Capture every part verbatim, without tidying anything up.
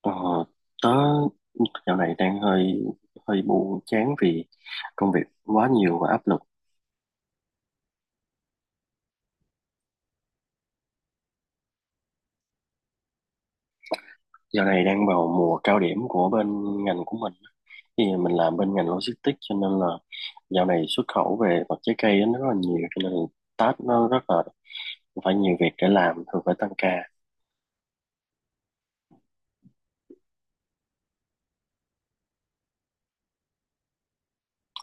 Ờ, tớ dạo này đang hơi hơi buồn chán vì công việc quá nhiều và áp lực. Dạo này đang vào mùa cao điểm của bên ngành của mình. Thì mình làm bên ngành logistics cho nên là dạo này xuất khẩu về vật trái cây nó rất là nhiều, cho nên là task nó rất là phải nhiều việc để làm, thường phải tăng ca.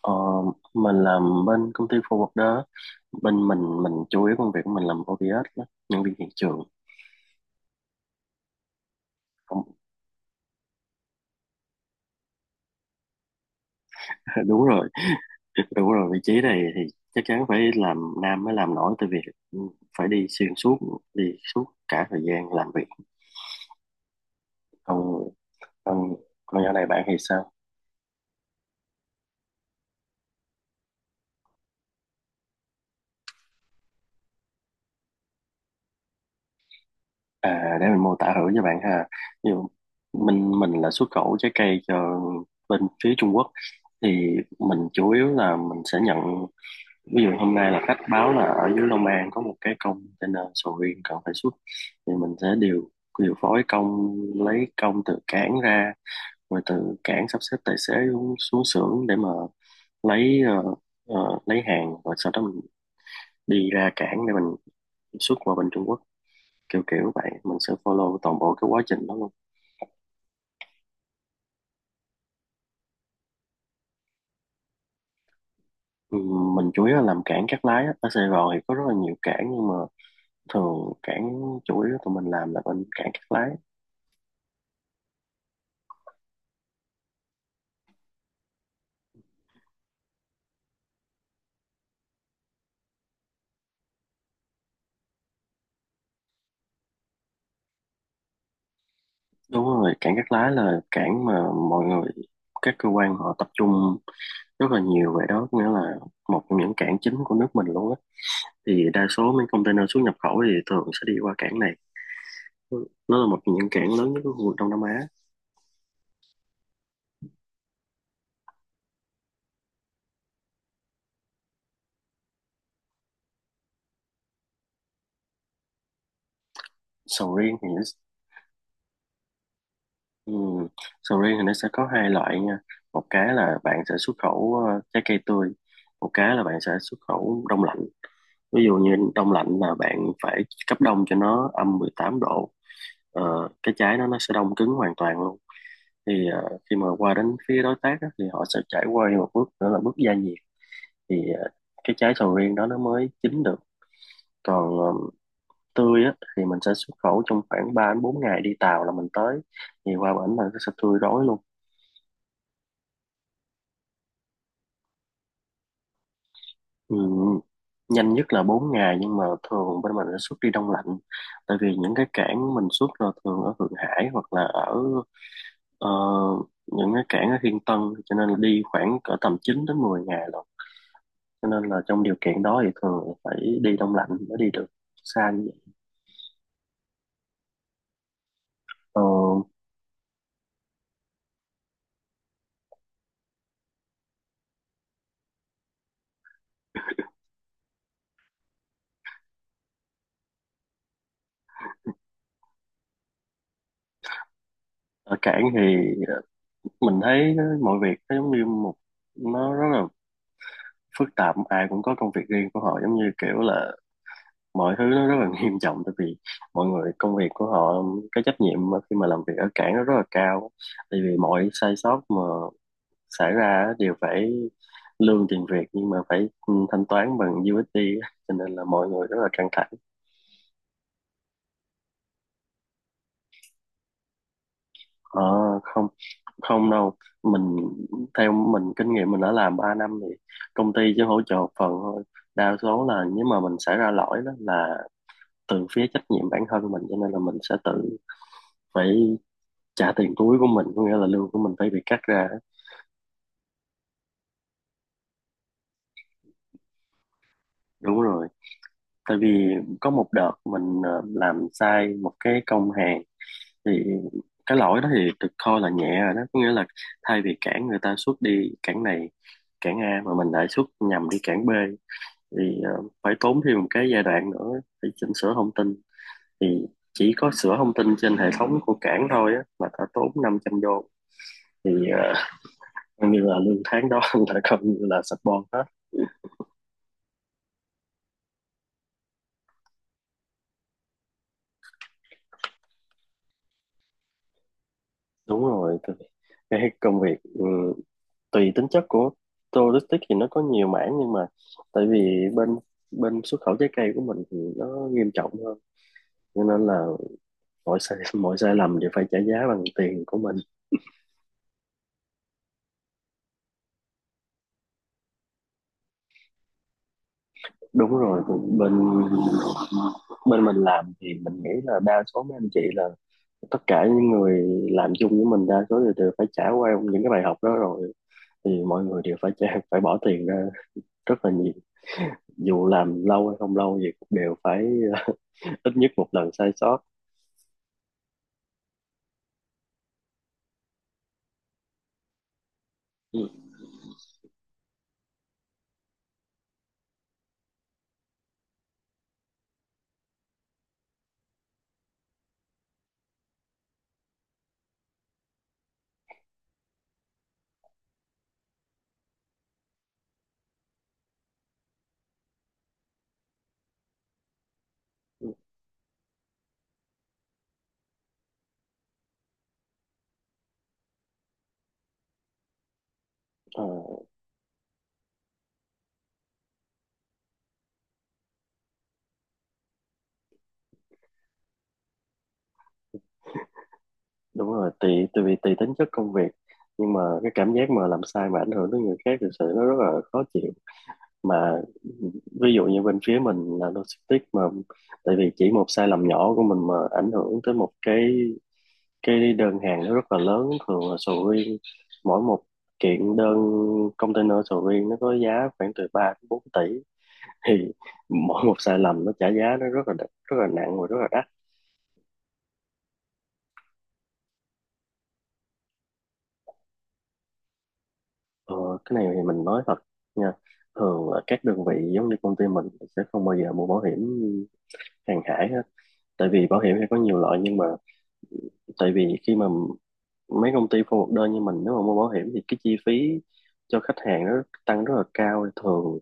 Ờ, mình làm bên công ty forwarder á. Bên mình mình chủ yếu công việc của mình làm ô đê ét đó, nhân viên hiện trường. Không- Đúng rồi. Đúng rồi, vị trí này thì chắc chắn phải làm nam mới làm nổi, tại vì phải đi xuyên suốt, đi suốt cả thời gian làm việc. Còn còn còn nhỏ này bạn thì sao? À, để mình mô tả thử cho bạn ha. Ví dụ mình mình là xuất khẩu trái cây cho bên phía Trung Quốc, thì mình chủ yếu là mình sẽ nhận. Ví dụ hôm nay là khách báo là ở dưới Long An có một cái container sầu riêng cần phải xuất, thì mình sẽ điều điều phối công, lấy công từ cảng ra, rồi từ cảng sắp xếp tài xế xuống, xuống xưởng để mà lấy ờ, ờ, lấy hàng, rồi sau đó mình đi ra cảng để mình xuất qua bên Trung Quốc. Kiểu kiểu vậy, mình sẽ follow toàn bộ cái quá trình đó luôn. Ừ, mình chủ yếu là làm cảng Cát Lái á. Ở Sài Gòn thì có rất là nhiều cảng nhưng mà thường cảng chủ yếu tụi mình làm là bên cảng Cát Lái. Đúng rồi, cảng Cát Lái là cảng mà mọi người, các cơ quan họ tập trung rất là nhiều về đó, nghĩa là một trong những cảng chính của nước mình luôn á. Thì đa số mấy container xuất nhập khẩu thì thường sẽ đi qua cảng này. Nó là một trong những cảng lớn nhất của khu vực Đông Nam Á. Sầu riêng thì nó, ừm, sầu riêng thì nó sẽ có hai loại nha. Một cái là bạn sẽ xuất khẩu ờ, trái cây tươi, một cái là bạn sẽ xuất khẩu đông lạnh. Ví dụ như đông lạnh là bạn phải cấp đông cho nó âm mười tám độ. Ờ, cái trái nó nó sẽ đông cứng hoàn toàn luôn. Thì ờ, khi mà qua đến phía đối tác á, thì họ sẽ trải qua một bước nữa là bước gia nhiệt. Thì ờ, cái trái sầu riêng đó nó mới chín được. Còn ờ, tươi á, thì mình sẽ xuất khẩu trong khoảng ba đến bốn ngày đi tàu là mình tới. Thì qua bển mình sẽ tươi đói luôn. Ừ. Nhanh nhất là bốn ngày nhưng mà thường bên mình sẽ xuất đi đông lạnh, tại vì những cái cảng mình xuất là thường ở Thượng Hải hoặc là ở ờ, những cái cảng ở Thiên Tân, cho nên là đi khoảng cỡ tầm chín đến mười ngày rồi. Cho nên là trong điều kiện đó thì thường là phải đi đông lạnh mới đi được xa như vậy. Ờ, ở cảng thì mình thấy nó- mọi việc nó giống như một, nó rất là phức tạp. Ai cũng có công việc riêng của họ, giống như kiểu là mọi thứ nó rất là nghiêm trọng. Tại vì mọi người, công việc của họ, cái trách nhiệm mà khi mà làm việc ở cảng nó rất là cao. Tại vì mọi sai sót mà xảy ra á đều phải lương tiền Việt nhưng mà phải ừ, thanh toán bằng u ét đê á. Cho nên là mọi người rất là căng thẳng. Ờ, không không đâu. Mình, theo mình kinh nghiệm mình đã làm ba năm thì công ty chỉ hỗ trợ một phần thôi. Đa số là nếu mà mình xảy ra lỗi đó là từ phía trách nhiệm bản thân mình, cho nên là mình sẽ tự phải trả tiền túi của mình, có nghĩa là lương của mình phải bị cắt ra. Đúng rồi, tại vì có một đợt mình ờ, làm sai một cái công hàng. Thì cái lỗi đó thì được coi là nhẹ rồi đó, có nghĩa là thay vì cản người ta xuất đi cản này, cản A mà mình lại xuất nhầm đi cản bê, thì ờ, phải tốn thêm một cái giai đoạn nữa để chỉnh sửa thông tin. Thì chỉ có sửa thông tin trên hệ thống của cảng thôi á, là đã tốn năm trăm đô. Thì ờ, như là lương tháng đó là coi như là support hết. Đúng rồi, cái cái công việc ừ, tùy tính chất của logistics thì nó có nhiều mảng nhưng mà tại vì bên bên xuất khẩu trái cây của mình thì nó nghiêm trọng hơn, cho nên là mọi sai mọi sai lầm đều phải trả giá bằng tiền của mình. Đúng rồi, bên bên mình làm thì mình nghĩ là đa số mấy anh chị là tất cả những người làm chung với mình đa số đều, đều phải trải qua những cái bài học đó rồi. Thì mọi người đều phải trả, phải bỏ tiền ra rất là nhiều, dù làm lâu hay không lâu gì cũng đều phải ít nhất một lần sai sót. Ừ. Ờ, đúng rồi, tùy tùy tùy tính chất công việc. Nhưng mà cái cảm giác mà làm sai mà ảnh hưởng tới người khác thực sự nó rất là khó chịu. Mà ví dụ như bên phía mình là logistics mà, tại vì chỉ một sai lầm nhỏ của mình mà ảnh hưởng tới một cái cái đơn hàng nó rất là lớn, thường là sầu riêng. Mỗi một kiện đơn container sầu riêng nó có giá khoảng từ ba đến bốn tỷ. Thì mỗi một sai lầm nó trả giá nó rất là đắt- rất là nặng và rất là đắt. Ờ, cái này thì mình nói thật nha. Thường là các đơn vị giống như công ty mình sẽ không bao giờ mua bảo hiểm hàng hải hết. Tại vì bảo hiểm thì có nhiều loại, nhưng mà tại vì khi mà mấy công ty forward đơn như mình, nếu mà mua bảo hiểm thì cái chi phí cho khách hàng nó tăng rất là cao. Thì thường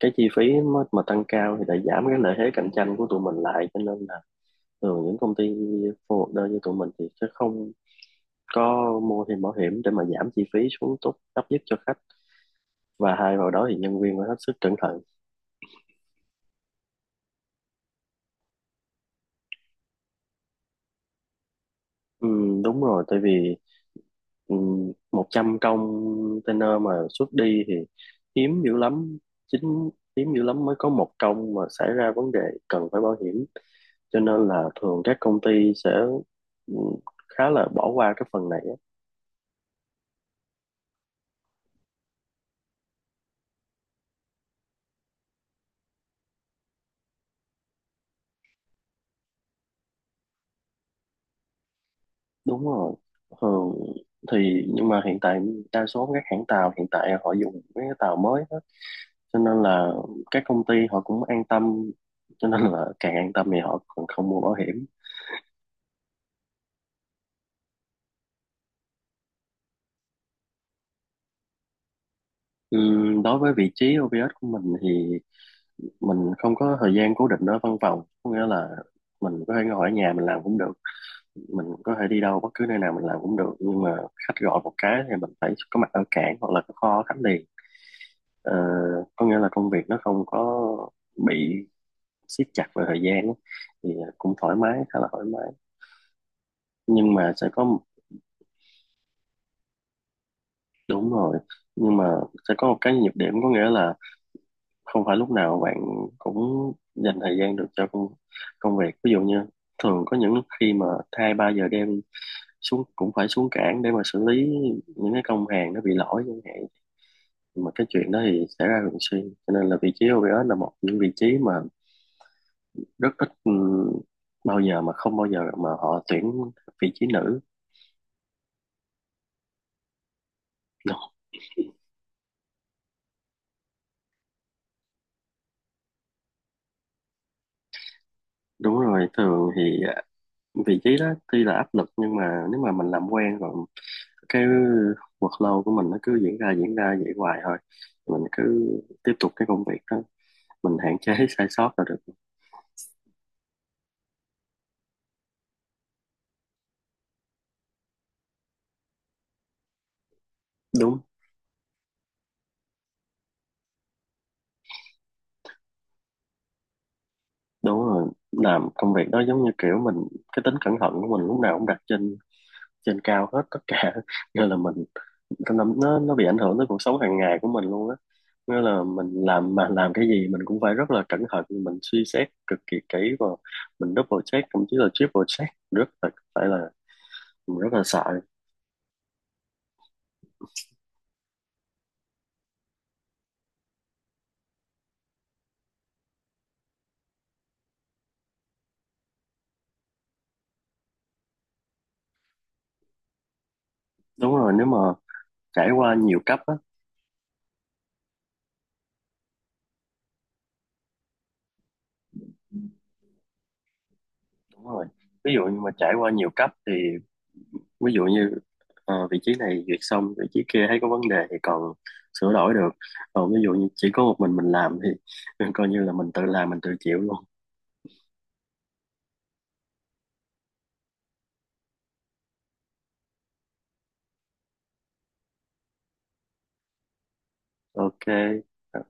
cái chi phí mà, mà tăng cao thì lại giảm cái lợi thế cạnh tranh của tụi mình lại, cho nên là thường những công ty forward đơn như tụi mình thì sẽ không có mua thêm bảo hiểm, để mà giảm chi phí xuống tốt thấp nhất cho khách, và hai vào đó thì nhân viên phải hết sức cẩn thận. Ừm, đúng rồi, tại vì um, một trăm container mà xuất đi thì hiếm dữ lắm, chính hiếm dữ lắm mới có một công mà xảy ra vấn đề cần phải bảo hiểm. Cho nên là thường các công ty sẽ ừm, khá là bỏ qua cái phần này á. Đúng rồi, thường thì nhưng mà hiện tại đa số các hãng tàu hiện tại họ dùng mấy cái tàu mới á, cho nên là các công ty họ cũng an tâm, cho nên là càng an tâm thì họ còn không mua bảo hiểm. Ừm, đối với vị trí ô vê ét của mình thì mình không có thời gian cố định ở văn phòng, có nghĩa là mình có thể ngồi ở nhà mình làm cũng được, mình có thể đi đâu bất cứ nơi nào mình làm cũng được, nhưng mà khách gọi một cái thì mình phải có mặt ở cảng hoặc là có kho ở khách liền. Ờ, có nghĩa là công việc nó không có bị siết chặt về thời gian á. Thì cũng thoải mái, khá là thoải mái. Nhưng mà sẽ có. Đúng rồi, nhưng mà sẽ có một cái nhược điểm, có nghĩa là không phải lúc nào bạn cũng dành thời gian được cho công, công việc. Ví dụ như thường có những lúc khi mà hai ba giờ đêm xuống cũng phải xuống cảng để mà xử lý những cái công hàng nó bị lỗi chẳng hạn. Mà cái chuyện đó thì xảy ra thường xuyên. Cho nên là vị trí ô bê ét là một những vị trí mà rất ít, ừm, bao giờ mà không bao giờ mà họ tuyển vị trí nữ. Đúng đúng rồi, thường thì vị trí đó tuy là áp lực nhưng mà nếu mà mình làm quen rồi, cái workload của mình nó cứ diễn ra diễn ra vậy hoài thôi. Mình cứ tiếp tục cái công việc đó, mình hạn chế sai sót là được. Đúng đúng rồi, làm công việc đó giống như kiểu mình cái tính cẩn thận của mình lúc nào cũng đặt trên trên cao hết tất cả, nên là mình nó nó bị ảnh hưởng tới cuộc sống hàng ngày của mình luôn á. Nghĩa là mình làm mà làm cái gì mình cũng phải rất là cẩn thận, mình suy xét cực kỳ kỹ và mình double check thậm chí là triple check, rất là phải là mình rất là sợ. Đúng rồi, nếu mà trải qua nhiều cấp á. Đúng rồi. Ví dụ như mà trải qua nhiều cấp thì ví dụ như ờ, vị trí này duyệt xong vị trí kia thấy có vấn đề thì còn sửa đổi được. Còn ví dụ như chỉ có một mình mình làm thì coi như là mình tự làm mình tự chịu luôn. Ok. Ờ.